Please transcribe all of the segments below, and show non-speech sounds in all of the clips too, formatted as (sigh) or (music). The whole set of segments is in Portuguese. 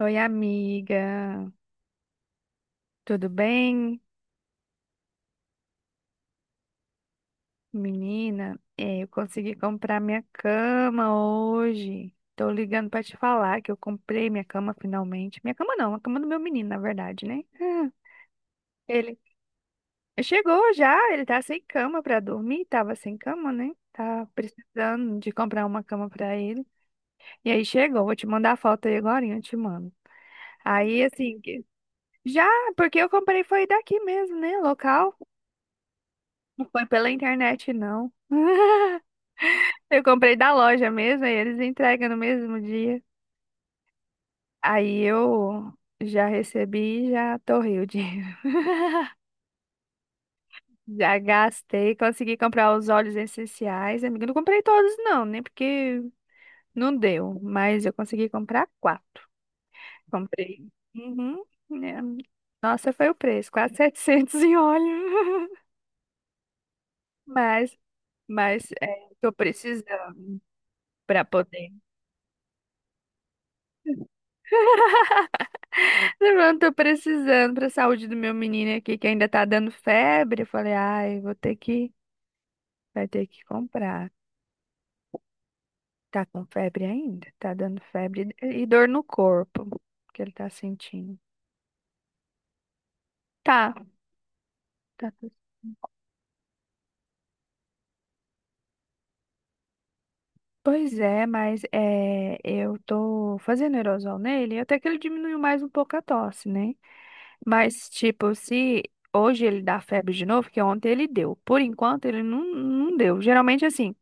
Oi, amiga. Tudo bem? Menina, é, eu consegui comprar minha cama hoje. Tô ligando pra te falar que eu comprei minha cama finalmente. Minha cama não, a cama do meu menino, na verdade, né? Ah, Ele chegou já, ele tá sem cama pra dormir, tava sem cama, né? Tá precisando de comprar uma cama pra ele. E aí chegou, vou te mandar a foto aí agora, eu te mando. Aí, assim, que- já, porque eu comprei foi daqui mesmo, né? Local. Não foi pela internet, não. Eu comprei da loja mesmo, aí eles entregam no mesmo dia. Aí eu já recebi e já torrei o dinheiro. (laughs) Já gastei, consegui comprar os óleos essenciais, amiga. Eu não comprei todos, não, nem porque não deu, mas eu consegui comprar quatro. Comprei. Uhum. né? Nossa, foi o preço, quase (laughs) 700 em óleo. (laughs) Mas, mas é, tô precisando para poder. Mano, tô precisando pra saúde do meu menino aqui que ainda tá dando febre. Eu falei, ai, vou ter que, vai ter que comprar. Tá com febre ainda? Tá dando febre e dor no corpo que ele tá sentindo. Tá, tá. Pois é, mas é, eu tô fazendo aerosol nele, até que ele diminuiu mais um pouco a tosse, né? Mas, tipo, se hoje ele dá febre de novo, que ontem ele deu. Por enquanto, ele não deu. Geralmente, assim.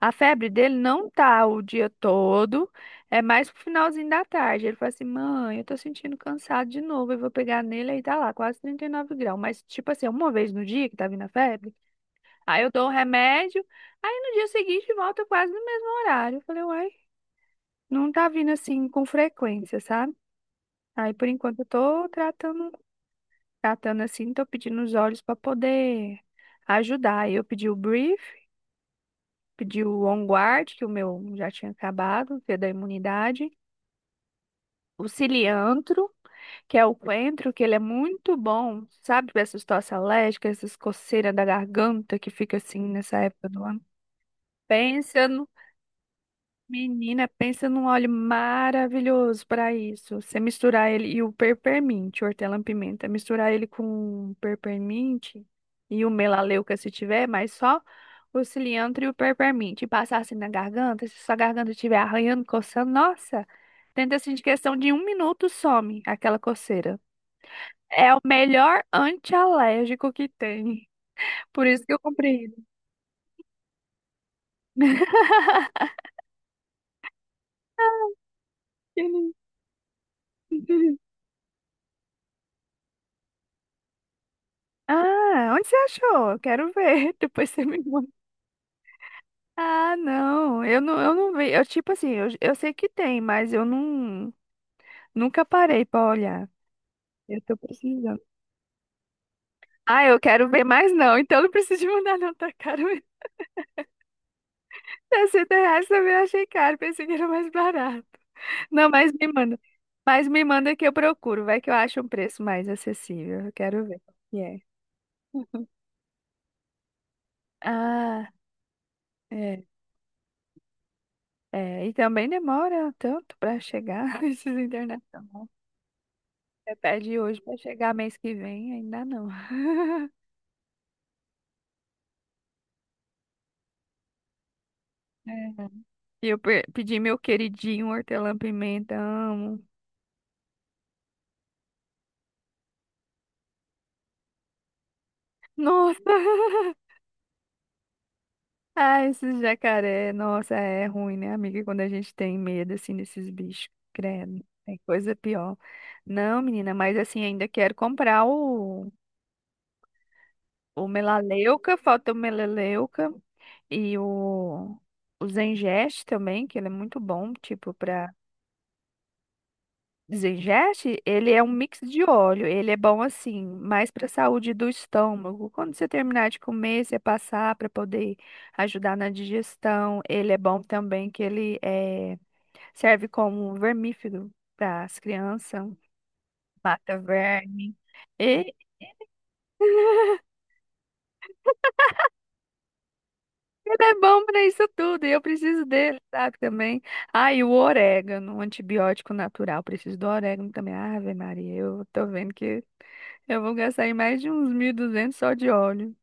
A febre dele não tá o dia todo, é mais pro finalzinho da tarde. Ele fala assim: mãe, eu tô sentindo cansado de novo. Eu vou pegar nele aí tá lá, quase 39 graus. Mas, tipo assim, uma vez no dia que tá vindo a febre, aí eu dou o remédio, aí no dia seguinte volta quase no mesmo horário. Eu falei: uai, não tá vindo assim com frequência, sabe? Aí por enquanto eu tô tratando, tratando assim, tô pedindo os olhos pra poder ajudar. Aí eu pedi o brief. Pedi o Onguard, que o meu já tinha acabado, que é da imunidade. O Ciliantro, que é o coentro, que ele é muito bom, sabe, para essas tosse alérgicas, essas coceiras da garganta que fica assim nessa época do ano. Pensa Menina, pensa num óleo maravilhoso para isso. Você misturar ele e o peppermint, hortelã-pimenta, misturar ele com peppermint e o melaleuca se tiver, mas só o cilantro e o peppermint. E passar assim na garganta, se sua garganta estiver arranhando, coçando, nossa, tenta assim de questão de um minuto some aquela coceira. É o melhor antialérgico que tem. Por isso que eu comprei ele. (laughs) Ah, onde você achou? Eu quero ver. (laughs) Depois você me manda. Ah, não, eu não vi. Eu, tipo assim, eu sei que tem, mas eu não, nunca parei pra olhar. Eu tô precisando. Ah, eu quero ver mais não, então não preciso de mandar não, tá caro mesmo. (laughs) R$ 60 também eu achei caro, pensei que era mais barato. Não, mas me manda. Mas me manda que eu procuro, vai que eu acho um preço mais acessível. Eu quero ver qual que é. Ah, é, é. E também demora tanto pra chegar (laughs) esses internacionais. Você pede hoje pra chegar mês que vem, ainda não. (laughs) É. E eu pedi meu queridinho hortelã-pimenta, amo. Nossa! (laughs) Ah, esses jacaré, nossa, é ruim, né, amiga? Quando a gente tem medo, assim, desses bichos, credo, é coisa pior. Não, menina, mas assim, ainda quero comprar o melaleuca, falta o melaleuca e o, o Zengeste também, que ele é muito bom, tipo, pra Zingeste, ele é um mix de óleo. Ele é bom assim, mais para a saúde do estômago. Quando você terminar de comer, você passar para poder ajudar na digestão. Ele é bom também que serve como um vermífugo para as crianças, mata verme. Ele é bom pra isso tudo, e eu preciso dele, sabe, também. Ah, e o orégano, um antibiótico natural, preciso do orégano também. Ave Maria, eu tô vendo que eu vou gastar aí mais de uns 1.200 só de óleo.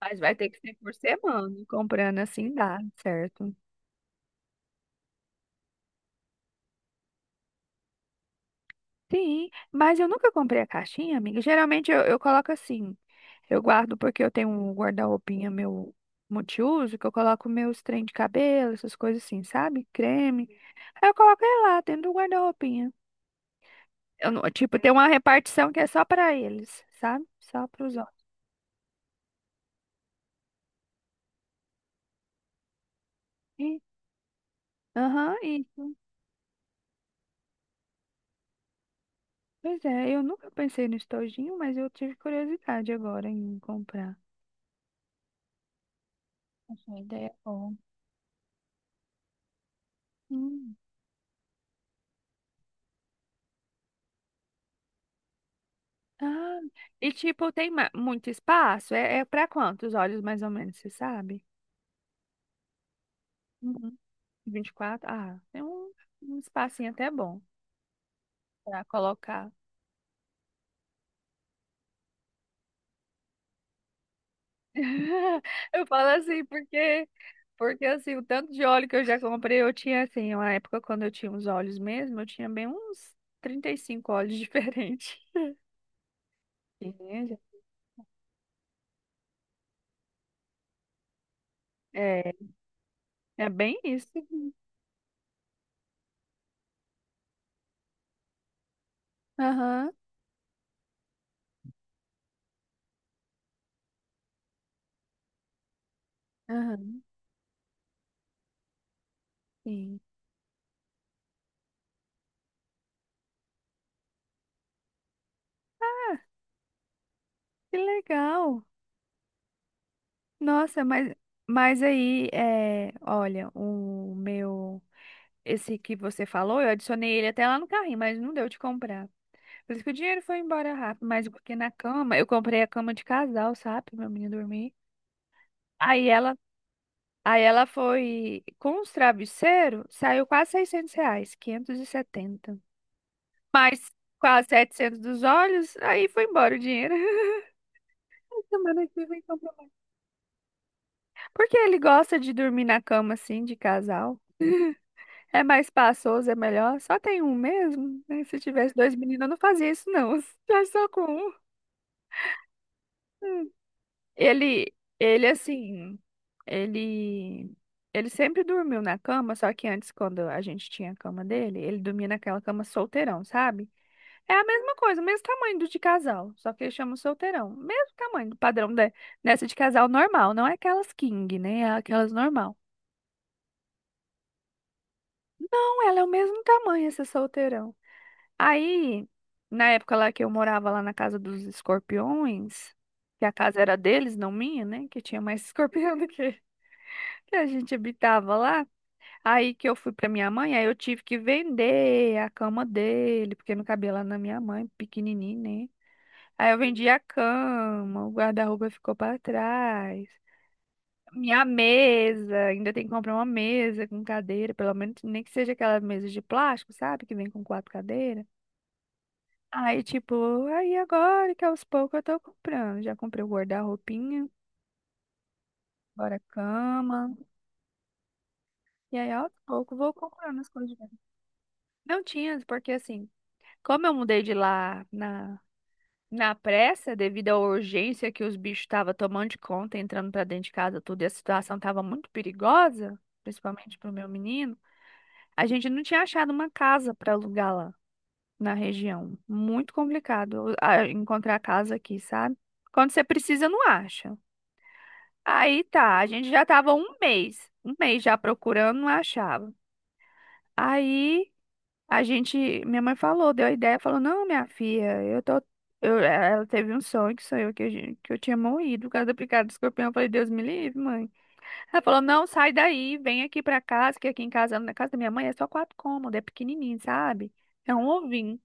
Mas vai ter que ser por semana, comprando assim dá, certo? Sim, mas eu nunca comprei a caixinha, amiga. Geralmente eu coloco assim. Eu guardo porque eu tenho um guarda-roupinha meu multiuso, que eu coloco meus trem de cabelo, essas coisas assim, sabe? Creme. Aí eu coloco ele lá dentro do guarda-roupinha. Eu não- tipo, tem uma repartição que é só pra eles, sabe? Só pros homens. E- Aham, isso. Pois é, eu nunca pensei no estojinho, mas eu tive curiosidade agora em comprar. Achei a ideia boa. Hum. Ah, e tipo, tem muito espaço? É para quantos olhos, mais ou menos, você sabe? Uhum. 24. Ah, tem um, um espacinho até bom pra colocar. (laughs) Eu falo assim porque, porque assim, o tanto de óleo que eu já comprei, eu tinha assim, uma época quando eu tinha os olhos mesmo, eu tinha bem uns 35 olhos (laughs) diferentes. Beleza. É, é bem isso. Aham, aham, sim. Que legal. Nossa, mas aí, é, olha, o meu, esse que você falou, eu adicionei ele até lá no carrinho, mas não deu de comprar. Por isso que o dinheiro foi embora rápido, mas porque na cama, eu comprei a cama de casal, sabe, pra meu menino dormir. Aí ela, aí ela foi, com os travesseiros, saiu quase R$ 600, 570. Mas quase 700 dos olhos, aí foi embora o dinheiro. (laughs) Semana que vem comprar. Porque ele gosta de dormir na cama, assim, de casal. É mais espaçoso, é melhor. Só tem um mesmo, né? Se tivesse dois meninos, eu não fazia isso, não. (laughs) Já só com um. Hum. Ele, ele assim, ele, ele sempre dormiu na cama, só que antes, quando a gente tinha a cama dele, ele dormia naquela cama solteirão, sabe? É a mesma coisa, o mesmo tamanho do de casal, só que ele chama solteirão. Mesmo tamanho do padrão de, dessa de casal normal, não é aquelas king, né? É aquelas normal. Não, ela é o mesmo tamanho, essa solteirão. Aí, na época lá que eu morava lá na casa dos escorpiões, que a casa era deles, não minha, né? Que tinha mais (laughs) escorpião do que a gente habitava lá. Aí que eu fui pra minha mãe, aí eu tive que vender a cama dele, porque não cabia lá na minha mãe, pequenininho, né? Aí eu vendi a cama, o guarda-roupa ficou pra trás. Minha mesa, ainda tem que comprar uma mesa com cadeira, pelo menos nem que seja aquela mesa de plástico, sabe? Que vem com quatro cadeiras. Aí, tipo, aí agora que aos poucos eu tô comprando. Já comprei o guarda-roupinha, agora a cama. E aí, aos poucos, vou comprando as coisas. Não tinha, porque assim, como eu mudei de lá na pressa, devido à urgência que os bichos estavam tomando de conta, entrando pra dentro de casa, tudo, e a situação tava muito perigosa, principalmente pro meu menino, a gente não tinha achado uma casa pra alugar lá na região. Muito complicado encontrar casa aqui, sabe? Quando você precisa, não acha. Aí tá, a gente já tava um mês já procurando, não achava. Aí a gente, minha mãe falou, deu a ideia, falou: Não, minha filha, eu tô. Ela teve um sonho que sonhou que eu tinha morrido por causa do picado do escorpião. Eu falei: Deus me livre, mãe. Ela falou: Não, sai daí, vem aqui pra casa, que aqui em casa, na casa da minha mãe, é só quatro cômodos, é pequenininho, sabe? É um ovinho.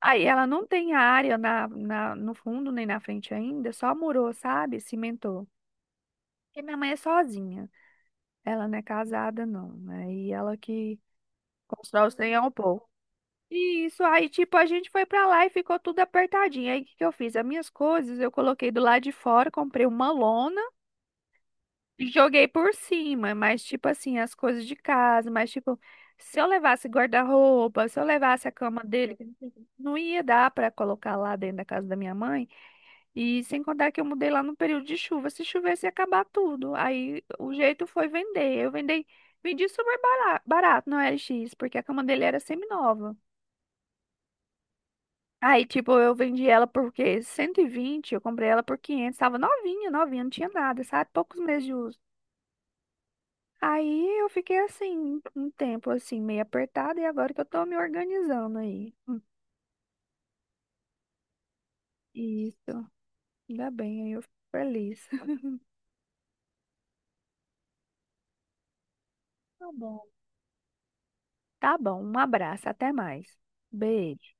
Aí ela não tem área no fundo nem na frente ainda, só murou, sabe? Cimentou. Porque minha mãe é sozinha. Ela não é casada, não, né? E ela que constrói os trem ao pouco. E isso aí, tipo, a gente foi pra lá e ficou tudo apertadinho. Aí o que que eu fiz? As minhas coisas eu coloquei do lado de fora, comprei uma lona e joguei por cima. Mas, tipo assim, as coisas de casa, mas, tipo, se eu levasse guarda-roupa, se eu levasse a cama dele, não ia dar pra colocar lá dentro da casa da minha mãe. E sem contar que eu mudei lá no período de chuva. Se chovesse, ia acabar tudo. Aí o jeito foi vender. Vendi super barato no LX, porque a cama dele era semi-nova. Aí, tipo, eu vendi ela por quê? 120. Eu comprei ela por 500. Tava novinha, novinha, não tinha nada, sabe? Poucos meses de uso. Aí eu fiquei assim, um tempo assim, meio apertada, e agora que eu tô me organizando aí. Isso, ainda bem, aí eu fico feliz. (laughs) Tá bom. Tá bom, um abraço, até mais. Beijo.